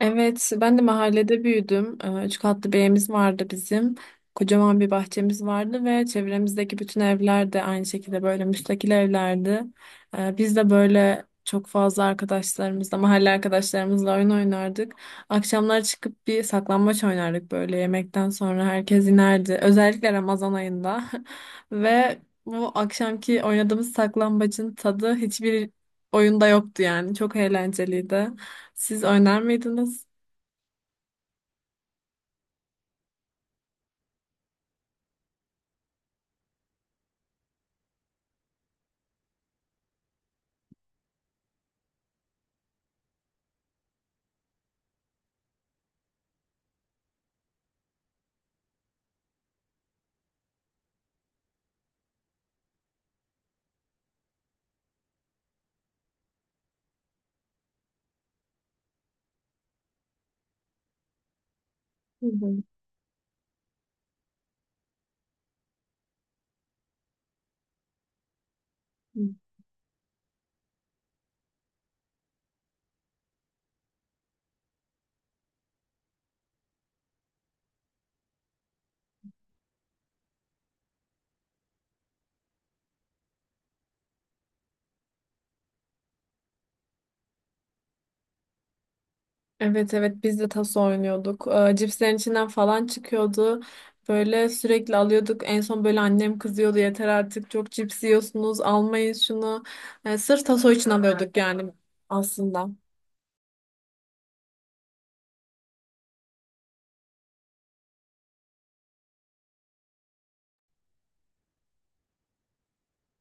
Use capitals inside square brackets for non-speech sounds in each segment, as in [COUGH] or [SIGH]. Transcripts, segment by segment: Evet, ben de mahallede büyüdüm. Üç katlı bir evimiz vardı bizim. Kocaman bir bahçemiz vardı ve çevremizdeki bütün evler de aynı şekilde böyle müstakil evlerdi. Biz de böyle çok fazla arkadaşlarımızla, mahalle arkadaşlarımızla oyun oynardık. Akşamlar çıkıp bir saklambaç oynardık böyle yemekten sonra herkes inerdi. Özellikle Ramazan ayında. [LAUGHS] Ve bu akşamki oynadığımız saklambacın tadı hiçbir oyunda yoktu yani. Çok eğlenceliydi. Siz oynar mıydınız? Hı hı. Hı. Evet, evet biz de taso oynuyorduk. Cipslerin içinden falan çıkıyordu. Böyle sürekli alıyorduk. En son böyle annem kızıyordu, yeter artık çok cips yiyorsunuz almayın şunu. Sırf taso için alıyorduk yani aslında.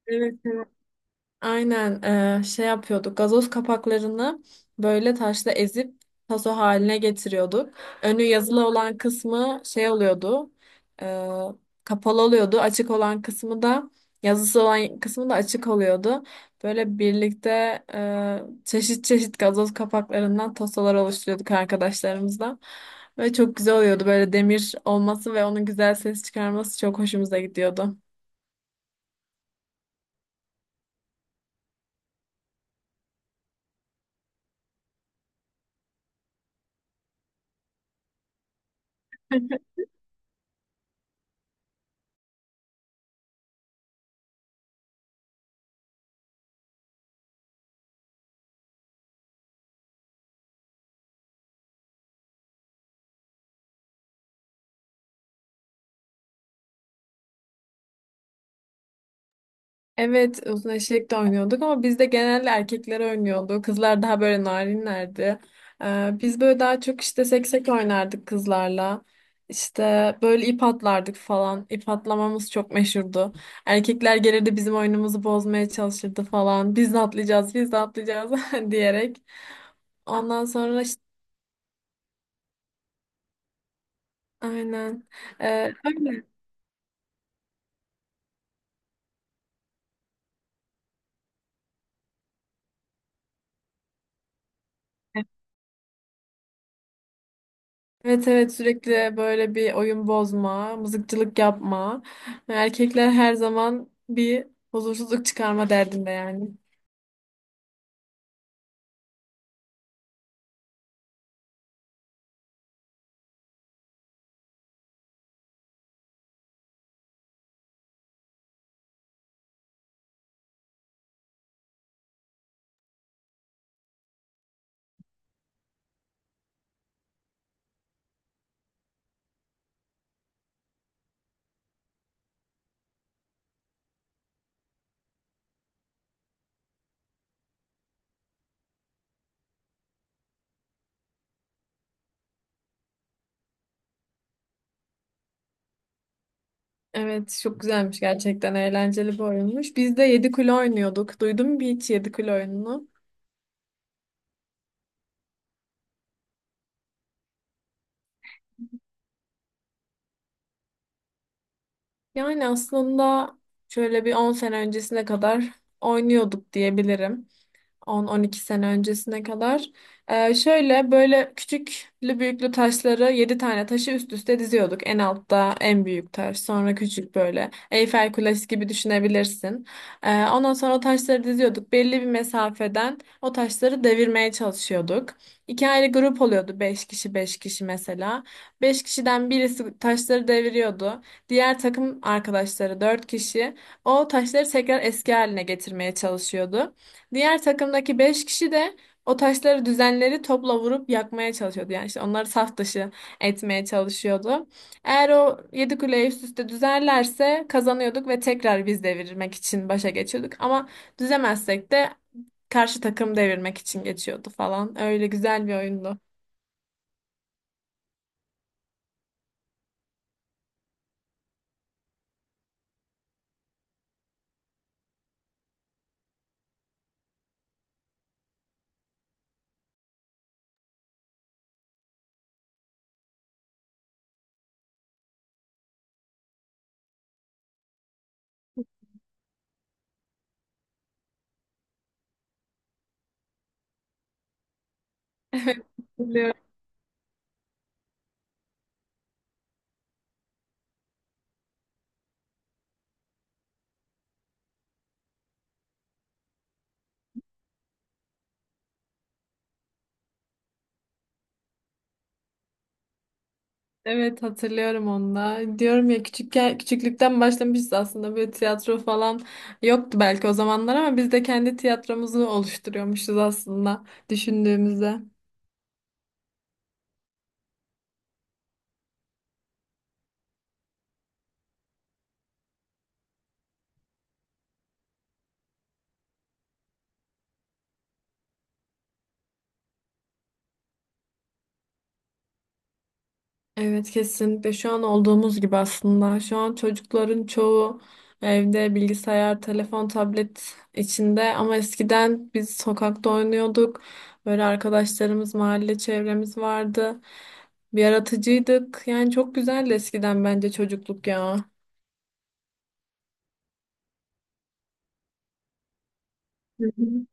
Evet, evet. Aynen, şey yapıyorduk. Gazoz kapaklarını böyle taşla ezip taso haline getiriyorduk. Önü yazılı olan kısmı şey oluyordu. eee, Kapalı oluyordu. Açık olan kısmı da yazısı olan kısmı da açık oluyordu. Böyle birlikte çeşit çeşit gazoz kapaklarından tasolar oluşturuyorduk arkadaşlarımızla. Ve çok güzel oluyordu. Böyle demir olması ve onun güzel ses çıkarması çok hoşumuza gidiyordu. Evet, uzun eşek de oynuyorduk ama biz de genelde erkekler oynuyordu. Kızlar daha böyle narinlerdi. Biz böyle daha çok işte seksek oynardık kızlarla. İşte böyle ip atlardık falan. İp atlamamız çok meşhurdu. Erkekler gelirdi bizim oyunumuzu bozmaya çalışırdı falan. Biz de atlayacağız, biz de atlayacağız [LAUGHS] diyerek. Ondan sonra işte aynen. Öyle. Evet, evet sürekli böyle bir oyun bozma, mızıkçılık yapma. Erkekler her zaman bir huzursuzluk çıkarma derdinde yani. Evet, çok güzelmiş gerçekten, eğlenceli bir oyunmuş. Biz de yedi kule oynuyorduk. Duydun mu hiç yedi kule oyununu? Yani aslında şöyle bir 10 sene öncesine kadar oynuyorduk diyebilirim. 10-12 sene öncesine kadar. Şöyle böyle küçüklü büyüklü taşları 7 tane taşı üst üste diziyorduk. En altta en büyük taş sonra küçük böyle Eyfel Kulesi gibi düşünebilirsin. Ondan sonra o taşları diziyorduk. Belli bir mesafeden o taşları devirmeye çalışıyorduk. İki ayrı grup oluyordu, 5 kişi 5 kişi mesela. Beş kişiden birisi taşları deviriyordu. Diğer takım arkadaşları 4 kişi o taşları tekrar eski haline getirmeye çalışıyordu. Diğer takımdaki 5 kişi de o taşları düzenleri topla vurup yakmaya çalışıyordu. Yani işte onları saf dışı etmeye çalışıyordu. Eğer o 7 kuleyi üst üste düzerlerse kazanıyorduk ve tekrar biz devirmek için başa geçiyorduk. Ama düzemezsek de karşı takım devirmek için geçiyordu falan. Öyle güzel bir oyundu. [LAUGHS] Evet. Hatırlıyorum. Evet, hatırlıyorum onu da. Diyorum ya küçükken küçüklükten başlamışız aslında, böyle tiyatro falan yoktu belki o zamanlar ama biz de kendi tiyatromuzu oluşturuyormuşuz aslında düşündüğümüzde. Evet kesinlikle, şu an olduğumuz gibi aslında. Şu an çocukların çoğu evde bilgisayar, telefon, tablet içinde ama eskiden biz sokakta oynuyorduk. Böyle arkadaşlarımız, mahalle çevremiz vardı. Bir yaratıcıydık. Yani çok güzeldi eskiden bence çocukluk ya. Hı hı.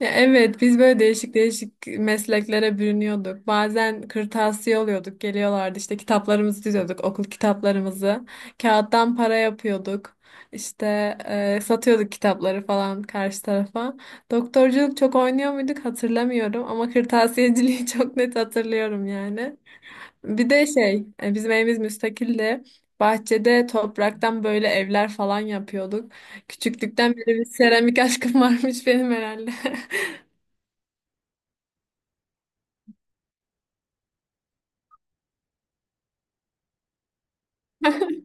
Ya evet, biz böyle değişik değişik mesleklere bürünüyorduk. Bazen kırtasiye oluyorduk, geliyorlardı işte kitaplarımızı diziyorduk, okul kitaplarımızı. Kağıttan para yapıyorduk. İşte satıyorduk kitapları falan karşı tarafa. Doktorculuk çok oynuyor muyduk hatırlamıyorum ama kırtasiyeciliği [LAUGHS] çok net hatırlıyorum yani. Bir de şey, bizim evimiz müstakildi. Bahçede topraktan böyle evler falan yapıyorduk. Küçüklükten beri bir seramik [LAUGHS] aşkım varmış benim herhalde. [LAUGHS]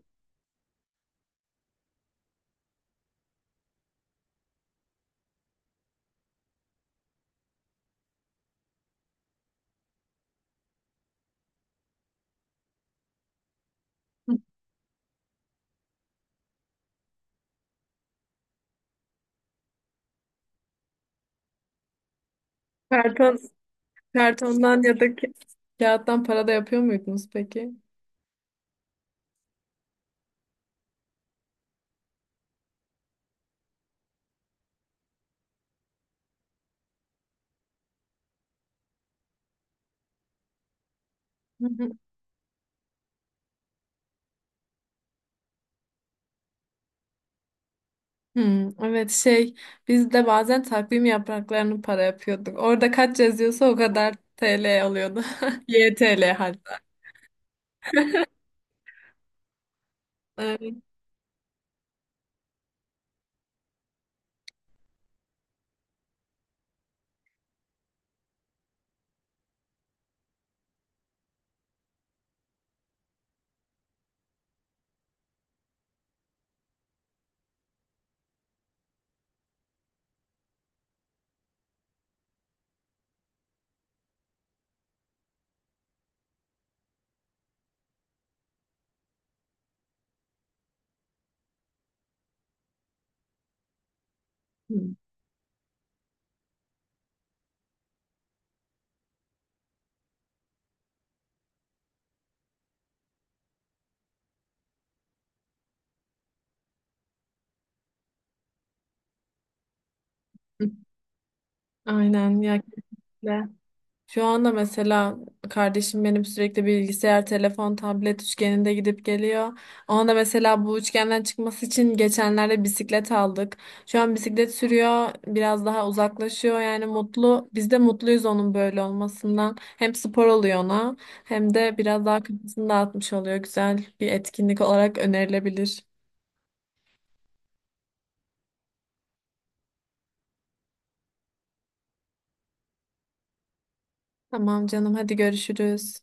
Karton, kartondan ya da kağıttan para da yapıyor muydunuz peki? Hı hı. Hmm, evet şey, biz de bazen takvim yapraklarını para yapıyorduk. Orada kaç yazıyorsa o kadar TL alıyordu. [LAUGHS] YTL hatta. Evet. Hı. Aynen ya. Şu anda mesela kardeşim benim sürekli bilgisayar, telefon, tablet üçgeninde gidip geliyor. Ona da mesela bu üçgenden çıkması için geçenlerde bisiklet aldık. Şu an bisiklet sürüyor, biraz daha uzaklaşıyor yani mutlu. Biz de mutluyuz onun böyle olmasından. Hem spor oluyor ona hem de biraz daha kafasını dağıtmış oluyor. Güzel bir etkinlik olarak önerilebilir. Tamam canım hadi görüşürüz.